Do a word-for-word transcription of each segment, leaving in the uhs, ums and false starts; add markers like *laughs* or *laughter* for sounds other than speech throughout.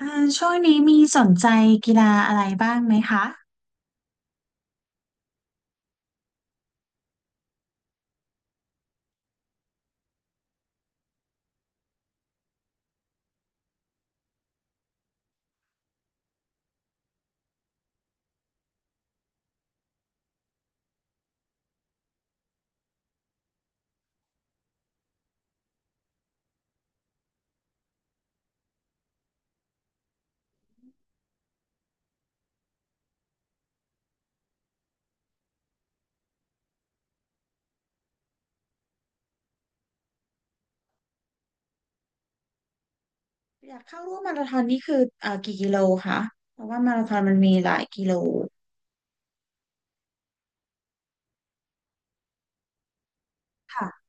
อ่าช่วงนี้มีสนใจกีฬาอะไรบ้างไหมคะอยากเข้าร่วมมาราธอนนี่คือเอ่อกี่กิโลคะเพราะว่ามาราธอนมันมีหลายกิโลค่ะ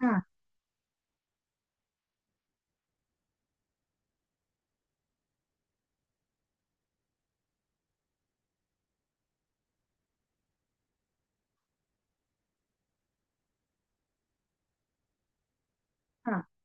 ค่ะค่ะ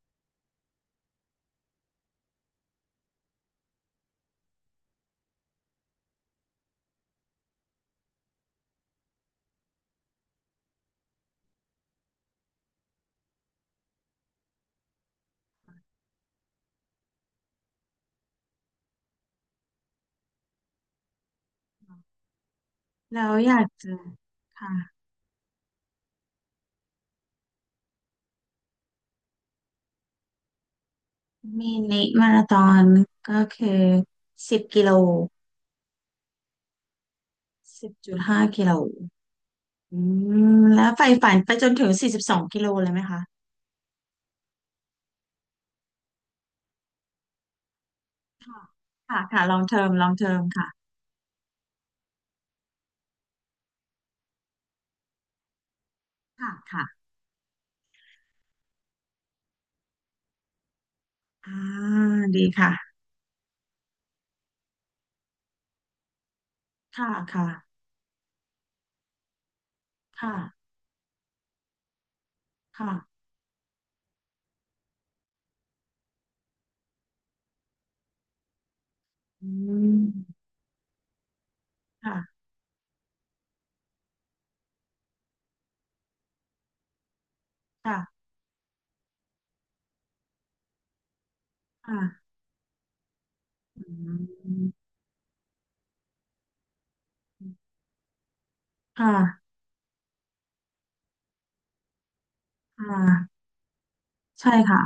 แล้วอยากจะค่ะมีนิมาราธอนก็คือสิบกิโลสิบจุดห้ากิโลอืมแล้วใฝ่ฝันไปจนถึงสี่สิบสองกิโลเลยไหมคะค่ะค่ะค่ะลองเทอมลองเทอมค่ะค่ะค่ะอ่าดีค่ะค่ะค่ะค่ะค่ะอืม ค่ะค่ะค่ะอืมค่ะค่ะใช่ค่ะ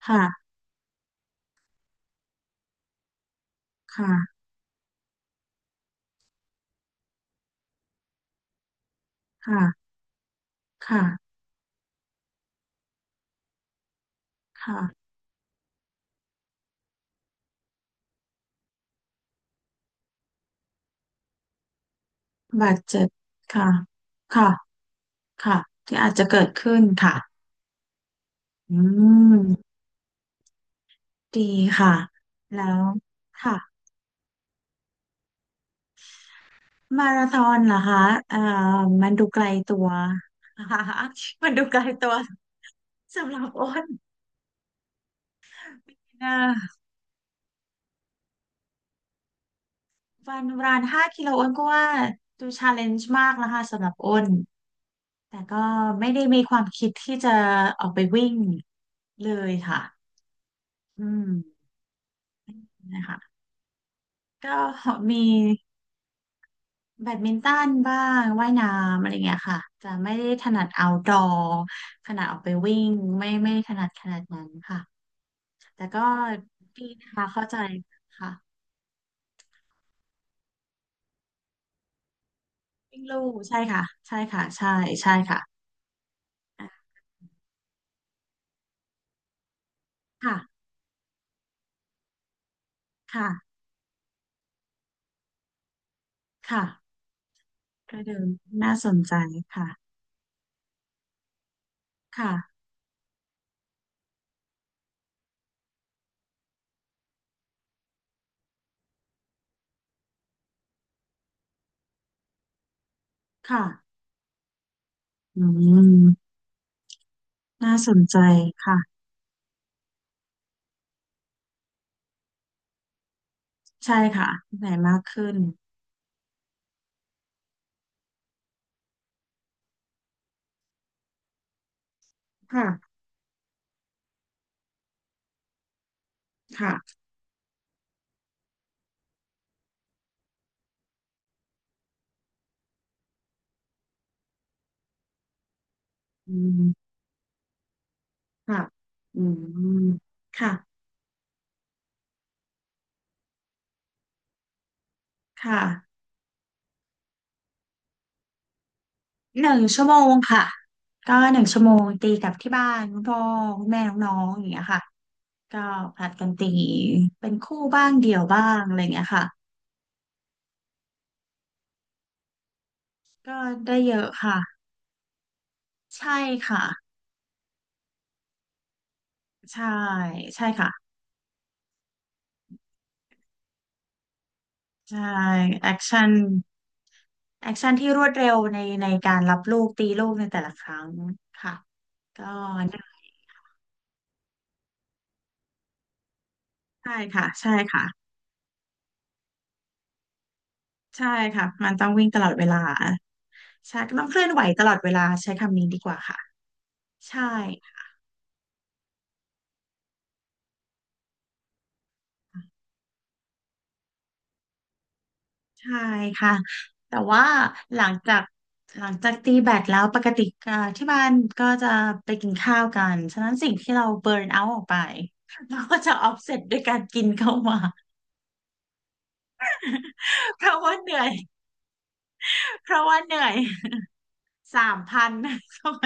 ค่ะค่ะค่ะค่ะค่ะบาดเจ็บค่ะค่ะค่ะที่อาจจะเกิดขึ้นค่ะอืมดีค่ะ แล้วค่ะมาราธอนเหรอคะเอ่อมันดูไกลตัว *laughs* มันดูไกลตัวสำหรับอ้นนะวันรานห้ากิโลอ้นก็ว่าดูชาเลนจ์มากนะคะสำหรับอ้น แต่ก็ไม่ได้มีความคิดที่จะออกไปวิ่งเลยค่ะอืมนะคะก็มีแบดมินตันบ้างว่ายน้ำอะไรเงี้ยค่ะจะไม่ได้ถนัดเอาดอขนาดออกไปวิ่งไม่ไม่ถนัดขนาดนั้นค่ะแต่ก็ดีนะคะเข้าใจค่ะวิ่งลู่ใช่ค่ะใช่ค่ะใช่ใช่ค่ะอ่ะค่ะค่ะค่ะก็เดินน่าสนใจค่ะค่ะค่ะอืมน่าสนใจค่ะ ใช่ค่ะใหญ่มากขึ้นค่ะค่ะอืมค่ะอืมค่ะค่ะหนึ่งชั่วโมงค่ะก็หนึ่งชั่วโมงตีกับที่บ้านคุณพ่อคุณแม่น้องๆอย่างเงี้ยค่ะก็ผลัดกันตีเป็นคู่บ้างเดี่ยวบ้างอะไรอย่างเงี้ยค่ะก็ได้เยอะค่ะใช่ค่ะใช่ใช่ค่ะใช่แอคชั่นแอคชั่นที่รวดเร็วในในการรับลูกตีลูกในแต่ละครั้งค่ะก็เหนื่อยใช่ค่ะใช่ค่ะ ใช่ค่ะมันต้องวิ่งตลอดเวลาใช่ก็ต้องเคลื่อนไหวตลอดเวลาใช้คำนี้ดีกว่าค่ะใช่ใช่ค่ะแต่ว่าหลังจากหลังจากตีแบดแล้วปกติอ่าที่บ้านก็จะไปกินข้าวกันฉะนั้นสิ่งที่เราเบิร์นเอาท์ออกไปเราก็จะออฟเซตด้วยการกินเข้ามาเพราะว่าเหนื่อยเพราะว่าเหนื่อยสามพัน *laughs* ทำไม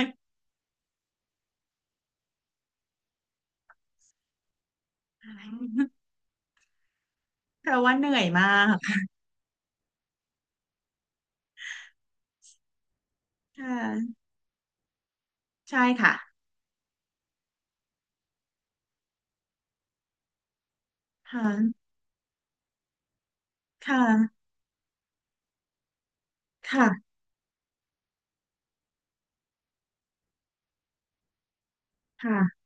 เพราะว่าเหนื่อยมากค่ะใช่ค่ะค่ะค่ะค่ะค่ะ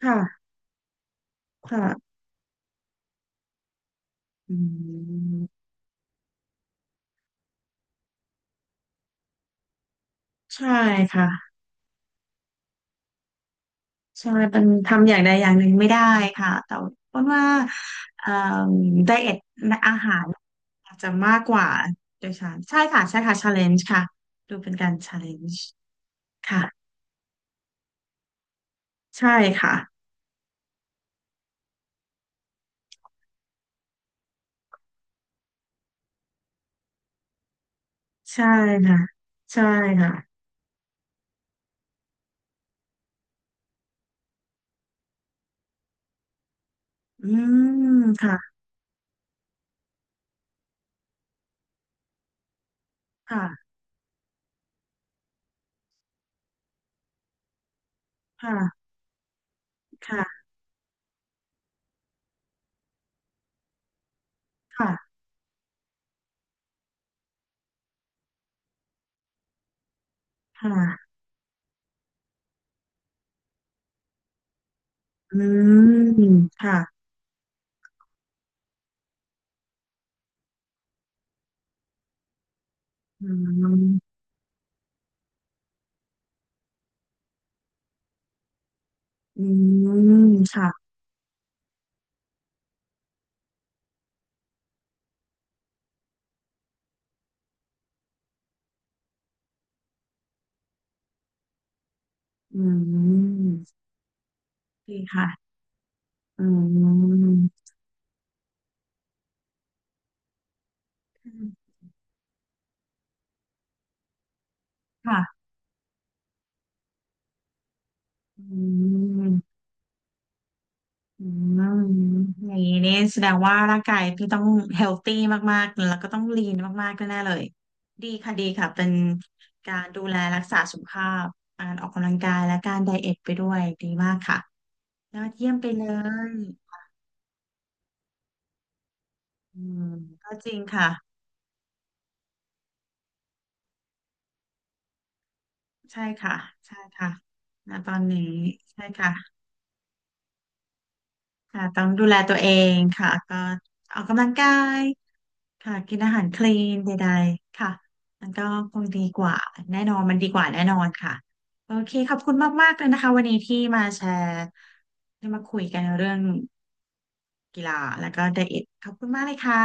ค่ะ อืมใช่ค่ะใช่มันทำอย่างใดอย่างหนึ่งไม่ได้ค่ะแต่เพราะว่าเอ่อไดเอทอาหารอาจจะมากกว่าโดยฉันใช่ค่ะใช่ค่ะชาเลนจ์ค่ะดูเป็นการชาเลนจ์ค่ะใช่ค่ะใช่ค่ะใช่ค่ะอืมค่ะค่ะค่ะค่ะค่ะค่ะอืมค่ะอืมอืมค่ะอืมดีค่ะ อืมค่ะอืมอืมอย่างนี้นี่แสดงว่าร่างกายพี่ต้องเฮลตี้มากๆแล้วก็ต้องลีนมากๆแน่ๆเลยดีค่ะดีค่ะเป็นการดูแลรักษาสุขภาพการออกกำลังกายและการไดเอทไปด้วยดีมากค่ะยอดเยี่ยมไปเลยอืมก็จริงค่ะใช่ค่ะใช่ค่ะณตอนนี้ใช่ค่ะ ค่ะต้องดูแลตัวเองค่ะก็ออกกำลังกายค่ะกินอาหารคลีนใดๆค่ะมันก็คงดีกว่าแน่นอนมันดีกว่าแน่นอนค่ะโอเคขอบคุณมากๆเลยนะคะวันนี้ที่มาแชร์ได้มาคุยกันเรื่องกีฬาแล้วก็ไดเอทขอบคุณมากเลยค่ะ